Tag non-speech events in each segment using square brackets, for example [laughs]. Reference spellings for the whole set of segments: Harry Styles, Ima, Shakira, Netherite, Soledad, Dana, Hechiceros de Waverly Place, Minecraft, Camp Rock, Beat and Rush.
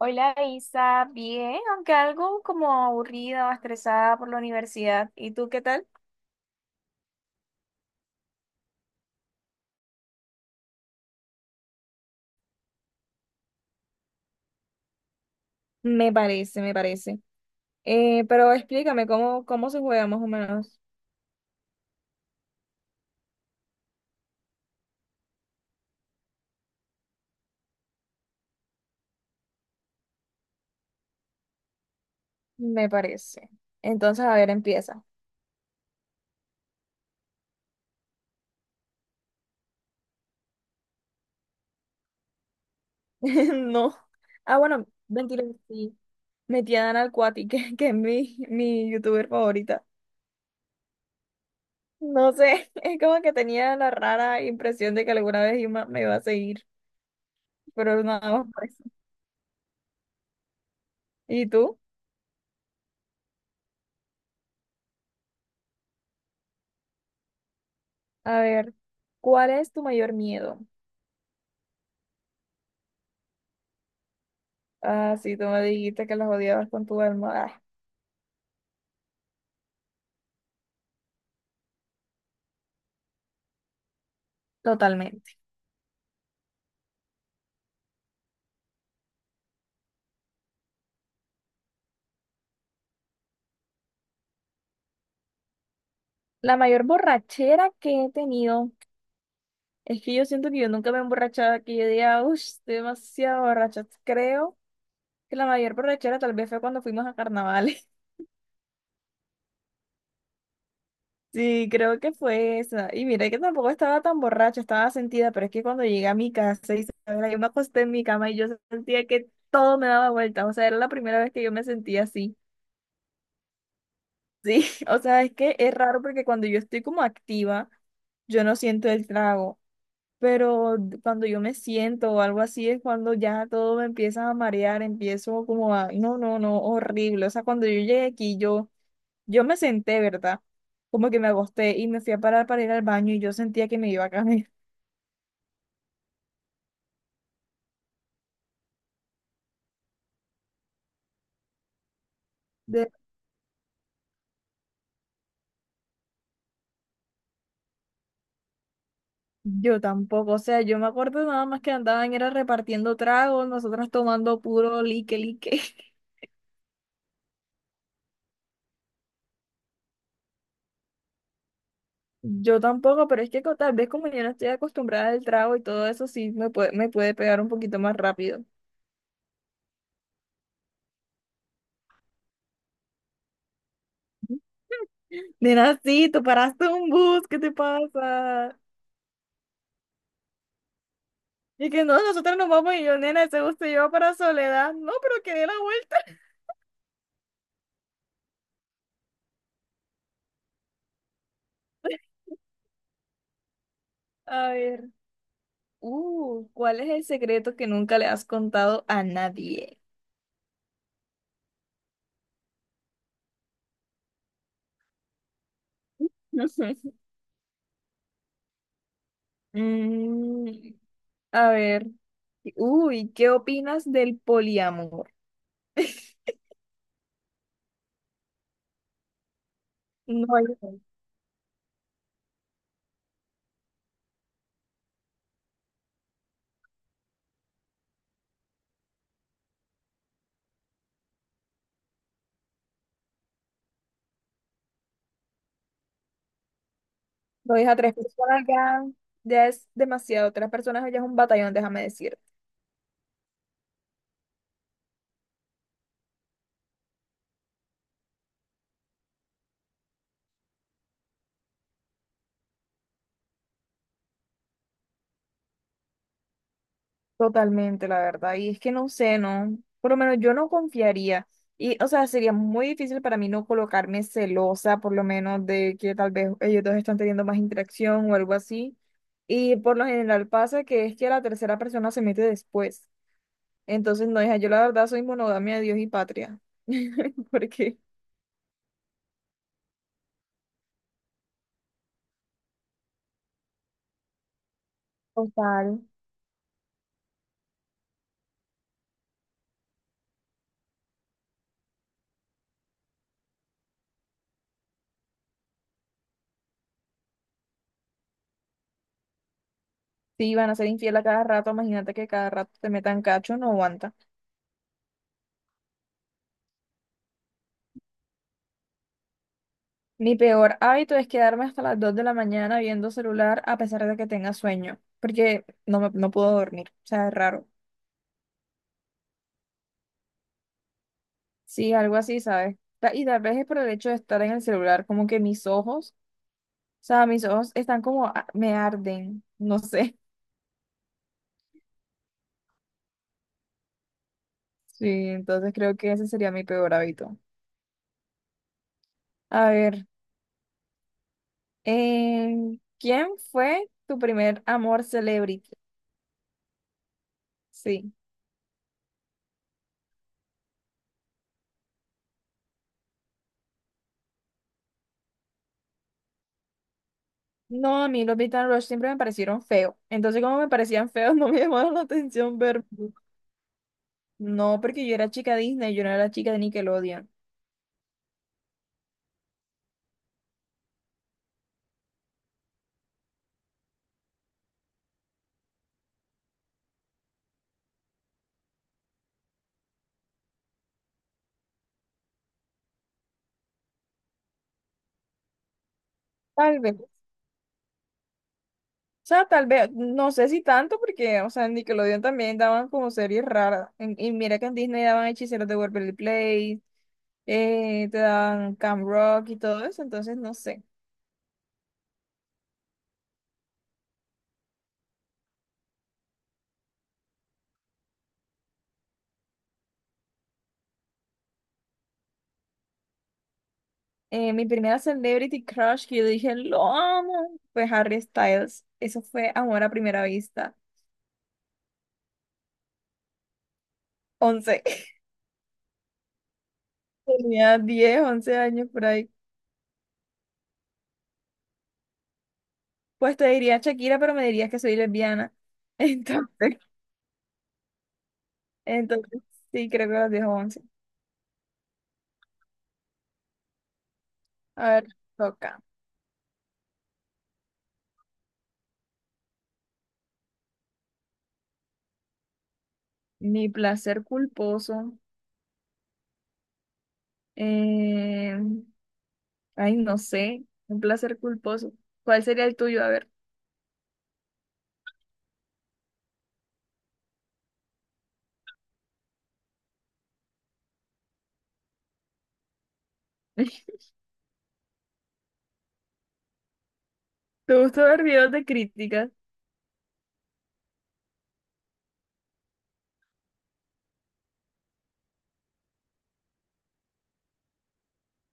Hola Isa, bien, aunque algo como aburrida o estresada por la universidad. ¿Y tú qué tal? Me parece, me parece. Pero explícame cómo se juega más o menos. Me parece. Entonces, a ver, empieza. [laughs] No. Ah, bueno, mentira, sí. Metí a Dana al Cuati, que es mi youtuber favorita. No sé, [laughs] es como que tenía la rara impresión de que alguna vez Ima me iba a seguir, pero nada más por eso. ¿Y tú? A ver, ¿cuál es tu mayor miedo? Ah, sí, tú me dijiste que las odiabas con tu alma. Ah. Totalmente. La mayor borrachera que he tenido es que yo siento que yo nunca me he emborrachado, que yo diga, uff, demasiado borracha. Creo que la mayor borrachera tal vez fue cuando fuimos a carnavales. [laughs] Sí, creo que fue esa. Y mira que tampoco estaba tan borracha, estaba sentida, pero es que cuando llegué a mi casa, y yo me acosté en mi cama y yo sentía que todo me daba vuelta. O sea, era la primera vez que yo me sentía así. Sí, [laughs] o sea, es que es raro porque cuando yo estoy como activa, yo no siento el trago, pero cuando yo me siento o algo así es cuando ya todo me empieza a marear, empiezo como a, no, no, no, horrible. O sea, cuando yo llegué aquí, yo, me senté, ¿verdad? Como que me acosté y me fui a parar para ir al baño y yo sentía que me iba a caer. [laughs] De- Yo tampoco, o sea, yo me acuerdo nada más que andaban era repartiendo tragos, nosotras tomando puro lique, lique. Yo tampoco, pero es que tal vez como yo no estoy acostumbrada al trago y todo eso, sí me puede pegar un poquito más rápido. Nena, sí, tú paraste un bus, ¿qué te pasa? Y que no, nosotros nos vamos y yo, nena, ese bus te lleva para Soledad. No, pero que dé la vuelta. [laughs] A ver, ¿cuál es el secreto que nunca le has contado a nadie? [laughs] Mm, a ver, uy, ¿qué opinas del poliamor? [laughs] No, lo dije a tres personas ya, ya es demasiado. Tres personas ya es un batallón, déjame decir. Totalmente, la verdad. Y es que no sé, no. Por lo menos yo no confiaría. Y, o sea, sería muy difícil para mí no colocarme celosa, por lo menos de que tal vez ellos dos están teniendo más interacción o algo así. Y por lo general pasa que es que la tercera persona se mete después. Entonces, no, hija, yo la verdad soy monogamia de Dios y patria. [laughs] Porque, total. Si van a ser infiel a cada rato, imagínate que cada rato te metan cacho, no aguanta. Mi peor hábito es quedarme hasta las 2 de la mañana viendo celular a pesar de que tenga sueño, porque no, no puedo dormir, o sea, es raro. Sí, algo así, ¿sabes? Y tal vez es por el hecho de estar en el celular, como que o sea, mis ojos están como, me arden, no sé. [laughs] Sí, entonces creo que ese sería mi peor hábito. A ver, eh, ¿quién fue tu primer amor celebrity? Sí. No, a mí los Beat and Rush siempre me parecieron feos. Entonces, como me parecían feos, [laughs] no me llamaron la atención ver. No, porque yo era chica Disney, yo no era chica de Nickelodeon. Tal vez. O sea, tal vez, no sé si tanto, porque, o sea, en Nickelodeon también daban como series raras. Y mira que en Disney daban Hechiceros de Waverly Place, te daban Camp Rock y todo eso, entonces no sé. Mi primera celebrity crush que yo dije, lo amo, fue Harry Styles. Eso fue amor a primera vista. Once. [laughs] Tenía 10 11 años por ahí. Pues te diría Shakira, pero me dirías que soy lesbiana. [laughs] Entonces, entonces sí, creo que los 10 o 11. A ver, toca. Mi placer culposo. eh, ay, no sé. Un placer culposo. ¿Cuál sería el tuyo? A ver. [laughs] ¿Te gusta ver videos de críticas?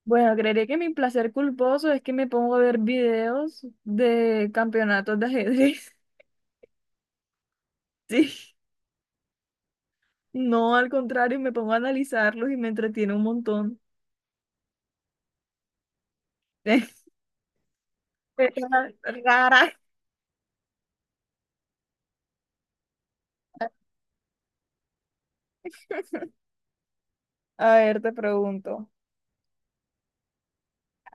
Bueno, creería que mi placer culposo es que me pongo a ver videos de campeonatos de ajedrez. [laughs] Sí. No, al contrario, me pongo a analizarlos y me entretiene un montón. [laughs] Persona rara. [laughs] A ver, te pregunto,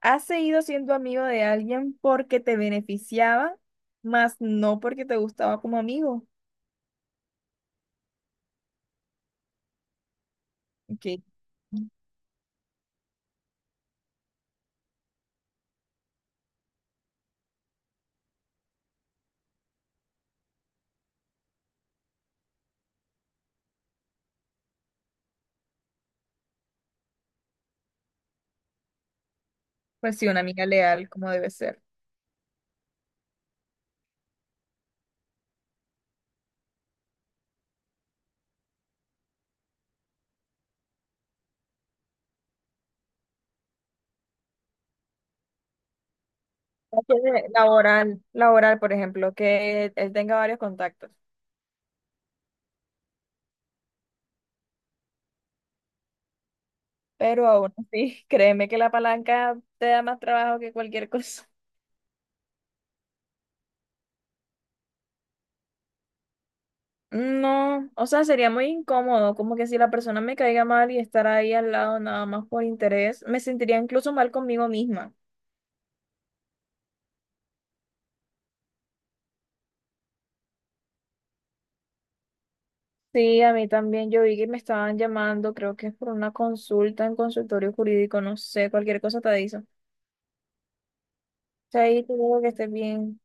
¿has seguido siendo amigo de alguien porque te beneficiaba, más no porque te gustaba como amigo? Ok, pues sí, una amiga leal, como debe ser. Ya tiene Laboral, laboral, por ejemplo, que él tenga varios contactos, pero aún así, [laughs] créeme que la palanca te da más trabajo que cualquier cosa. No, o sea, sería muy incómodo, como que si la persona me caiga mal y estar ahí al lado nada más por interés, me sentiría incluso mal conmigo misma. Sí, a mí también, yo vi que me estaban llamando, creo que es por una consulta en consultorio jurídico, no sé, cualquier cosa te aviso. Chaito, que estés bien.